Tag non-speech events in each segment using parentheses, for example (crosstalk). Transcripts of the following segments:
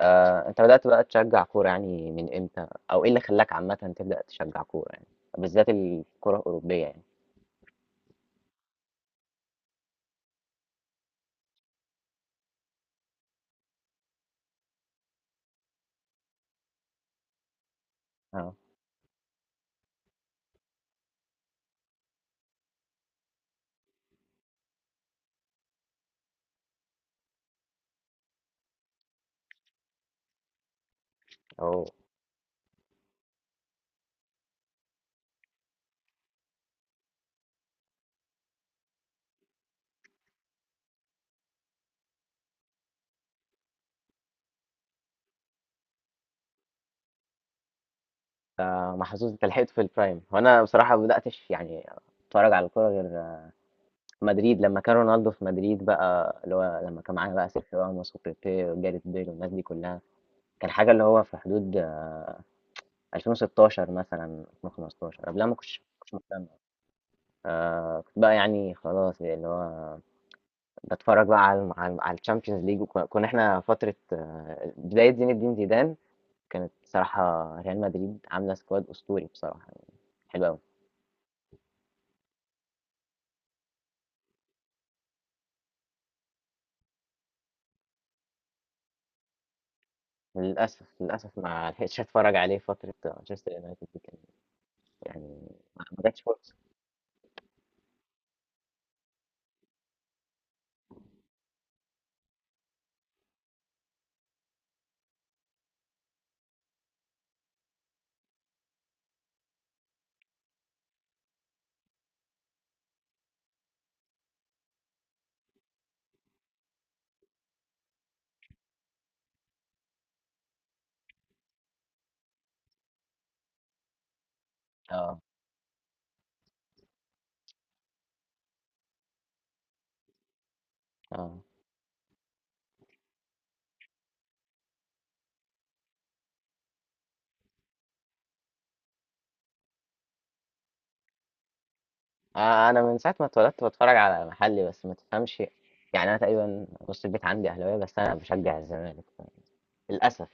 انت بدأت بقى تشجع كورة يعني من امتى او ايه اللي خلاك عامة تبدأ تشجع كورة يعني بالذات الكورة الأوروبية يعني. اه. او محظوظ انت لحقت في البرايم، وانا بصراحة ما بدأتش يعني اتفرج على الكورة غير مدريد لما كان رونالدو في مدريد بقى، اللي هو لما كان معانا بقى سيرخيو راموس وبيبي وجاريث بيل والناس دي كلها. كان حاجة اللي هو في حدود 2016 مثلا، 2015 قبلها ما كنتش مهتم. آه، كنت بقى يعني خلاص يعني اللي هو بتفرج بقى على على الشامبيونز ليج، وكنا احنا فتره بدايه زين الدين زيدان كانت بصراحه، ريال مدريد عامله سكواد اسطوري بصراحه يعني، حلو قوي. للاسف للاسف ما لحقتش اتفرج عليه، فتره مانشستر يونايتد دي كانت يعني، ما جاتش فرصه. اه. اه. انا من ساعه ما اتولدت بتفرج على محلي بس ما تفهمش، يعني انا تقريبا نص البيت عندي اهلاويه بس انا بشجع الزمالك للاسف.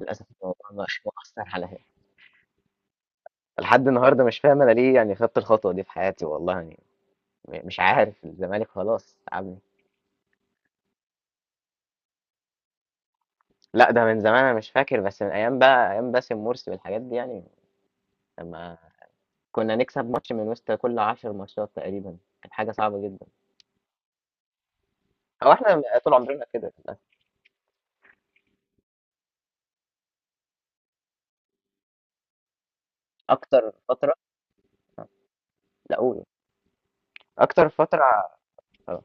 للاسف الموضوع ده مؤثر عليا، لحد النهارده مش فاهم انا ليه يعني خدت الخطوه دي في حياتي، والله يعني مش عارف، الزمالك خلاص تعبني. لا ده من زمان انا مش فاكر، بس من ايام بقى ايام باسم مرسي والحاجات دي يعني، لما كنا نكسب ماتش من وسط كل عشر ماتشات تقريبا، كانت حاجة صعبة جدا. او احنا طول عمرنا كده للأسف. اكتر فترة. لا قول. اكتر فترة. آه.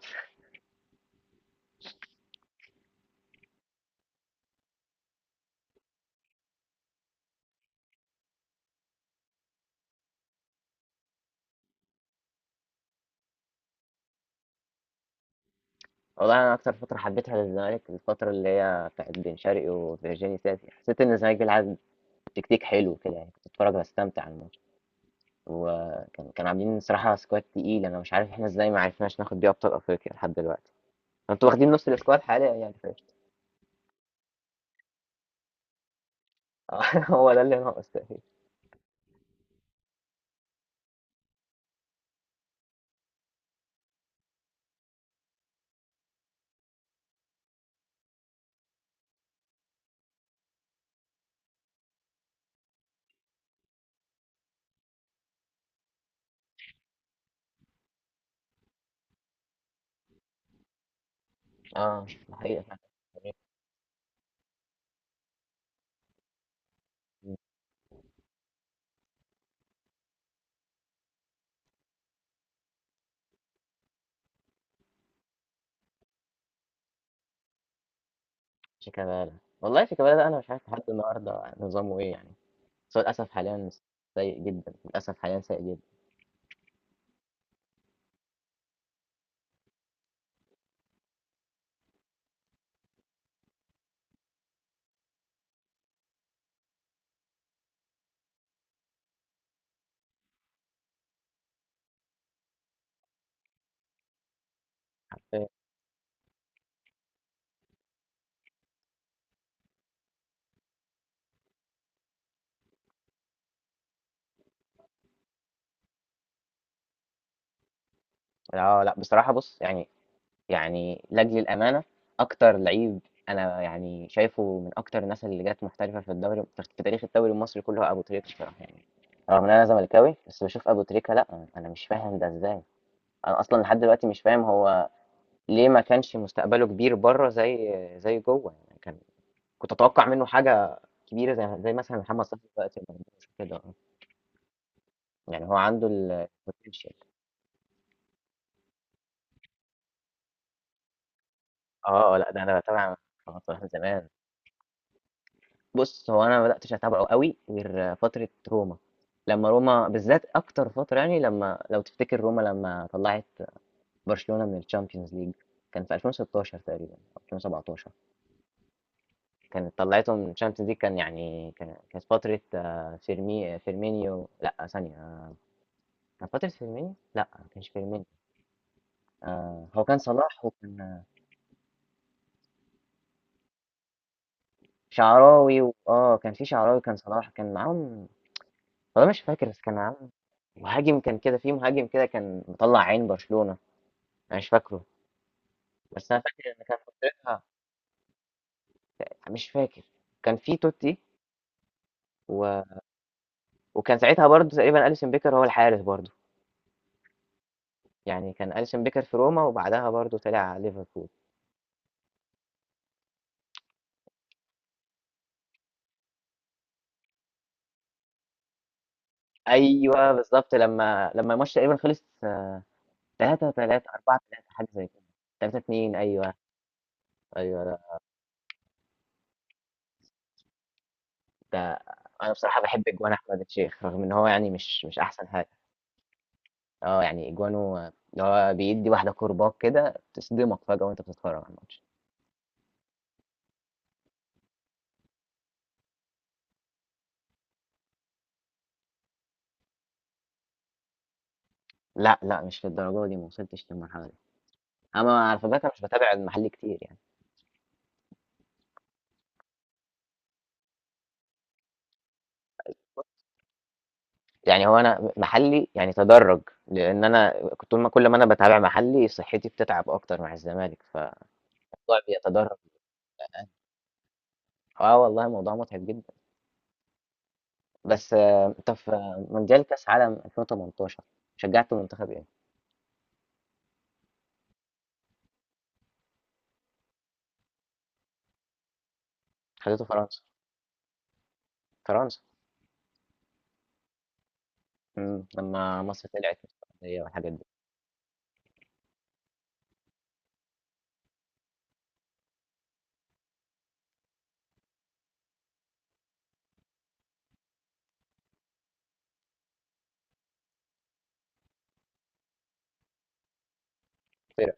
والله انا اكتر فترة حبيتها للزمالك الفترة اللي هي بتاعت بن شرقي وفيرجيني ساسي، حسيت ان الزمالك بيلعب تكتيك حلو كده يعني، كنت اتفرج واستمتع على الماتش. وكان عاملين صراحة سكواد تقيل، انا مش عارف احنا ازاي ما عرفناش ناخد بيه ابطال افريقيا لحد دلوقتي، انتوا واخدين نص السكواد حاليا يعني، فاهم؟ آه، (laughs) هو ده اللي ناقص تقريبا. اه ده حقيقة فعلا. شيكابالا. والله شيكابالا ده انا مش عارف لحد النهارده نظامه ايه يعني، بس هو للاسف حاليا سيء جدا، للاسف حاليا سيء جدا. حرفيا. اه لا بصراحه بص يعني، يعني لاجل الامانه، اكتر لعيب انا يعني شايفه من اكتر الناس اللي جت محترفه في الدوري، في تاريخ الدوري المصري كله، هو ابو تريكه بصراحه يعني، رغم ان انا زملكاوي بس بشوف ابو تريكه، لا انا مش فاهم ده ازاي. انا اصلا لحد دلوقتي مش فاهم هو ليه ما كانش مستقبله كبير بره زي زي جوه يعني، كان كنت اتوقع منه حاجه كبيره زي زي مثلا محمد صلاح دلوقتي، ما عندوش كده آه. يعني هو عنده البوتنشال. اه لا ده انا بتابع محمد صلاح من زمان. بص هو انا ما بداتش اتابعه قوي غير فتره روما، لما روما بالذات اكتر فتره يعني، لما لو تفتكر روما لما طلعت برشلونه من الشامبيونز ليج، كان في 2016 تقريبا او 2017، كانت طلعته من الشامبيونز ليج كان يعني، كان كانت فترة فيرمينيو، لا ثانية، كان فترة فيرمينيو، لا ما كانش فيرمينيو، هو كان صلاح وكان شعراوي اه كان في شعراوي، كان صلاح كان معاهم. والله مش فاكر بس كان معاهم مهاجم كان كده، في مهاجم كده كان مطلع عين برشلونة، انا مش فاكره. بس انا فاكر ان كان فترتها، مش فاكر، كان في توتي و... وكان ساعتها برضو تقريبا اليسون بيكر هو الحارس برضو، يعني كان اليسون بيكر في روما وبعدها برضو طلع على ليفربول. أيوه بالضبط، لمّا الماتش تقريبا خلص 3-3، 4-3 حاجة زي كده، 3-2، أيوه، أيوه لأ ده أنا بصراحة باحب أجوان أحمد الشيخ، رغم إن هو يعني مش أحسن حاجة، آه يعني أجوانه اللي هو بيدّي واحدة كورباك كده تصدمك فجأة وأنت بتتفرج على الماتش. لأ، لأ مش للدرجة دي، ما وصلتش للمرحلة دي. أنا على فكرة انا مش باتابع المحلي كتير يعني، يعني هو أنا محلي يعني تدرّج، لإن أنا كنت طول ما كل ما أنا باتابع محلي صحتي بتتعب أكتر مع الزمالك، فالموضوع بيتدرج. اه والله موضوع متعب جدا. بس انت في مونديال كاس عالم 2018 شجعت منتخب ايه؟ خدته فرنسا. فرنسا. مم. لما مصر طلعت من السعودية والحاجات دي. فرق.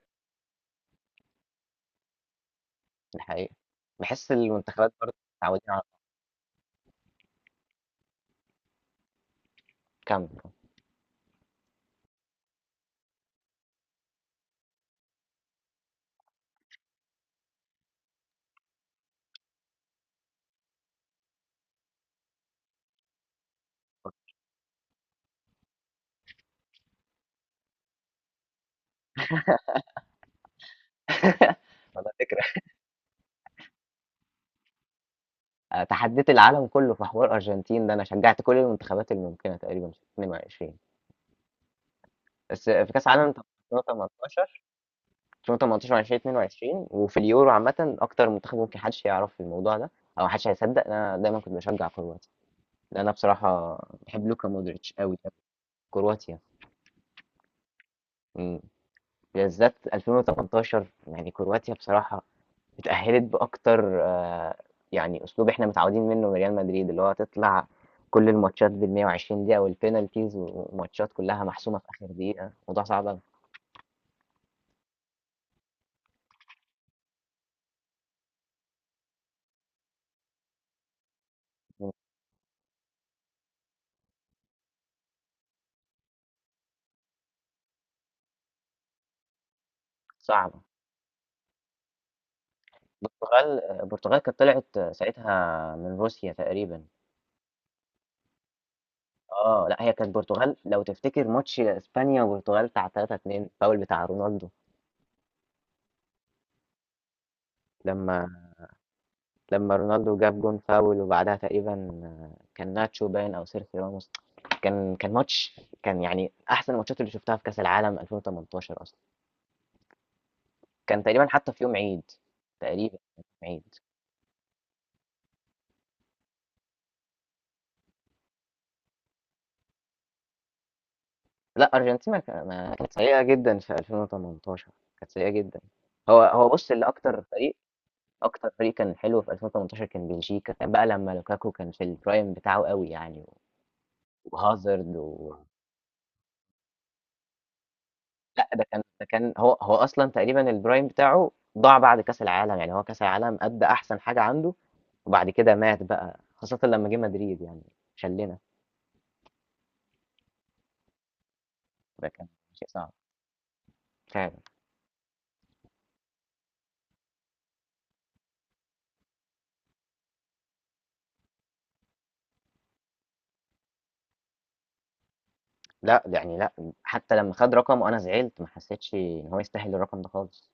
الحقيقة بحس المنتخبات برضه متعودين على. كم. والله فكرة. (laughs) تحديت العالم كله في حوار الأرجنتين ده، أنا شجعت كل المنتخبات الممكنة تقريبا في 22، بس في كأس عالم 2018، 2018، 2022 وفي اليورو، عامة أكتر منتخب ممكن حدش يعرف الموضوع ده أو محدش هيصدق، أنا دايما كنت بشجع كروات. لا، انا بصراحه بحب لوكا مودريتش قوي قوي. كرواتيا. مم. بالذات 2018 يعني كرواتيا بصراحه اتاهلت باكتر يعني اسلوب احنا متعودين منه من ريال مدريد، اللي هو تطلع كل الماتشات بال 120 دقيقه والبينالتيز، وماتشات كلها محسومه في اخر دقيقه، موضوع صعب. مم. صعب. البرتغال، البرتغال كانت طلعت ساعتها من روسيا تقريبا. اه لا هي كانت البرتغال لو تفتكر ماتش اسبانيا والبرتغال بتاع 3-2، فاول بتاع رونالدو، لما لما رونالدو جاب جون فاول وبعدها تقريبا، كان ناتشو باين او سيرخيو راموس، كان كان ماتش كان يعني احسن الماتشات اللي شفتها في كاس العالم 2018 اصلا، كان تقريبا حتى في يوم عيد، تقريبا كان في يوم عيد. لا ارجنتينا ما كانت سيئه جدا في 2018، كانت سيئه جدا. هو بص اللي اكتر فريق، اكتر فريق كان حلو في 2018 كان بلجيكا بقى، لما لوكاكو كان في البرايم بتاعه قوي يعني، وهازارد. لأ ده كان، ده كان، هو أصلًا تقريبًا الprime بتاعه ضاع بعد كاس العالم، يعني هو كاس العالم أدّى أحسن حاجة عنده، وبعد كده مات بقى، خاصةً لمّا جه مدريد يعني، شلّنا. ده كان شيء صعب فعلًا. لأ، ده يعني لأ، حتى لمّا خَد رقم وأنا زعلت، ما حسيتش إن هو يستاهل الرقم ده خالص.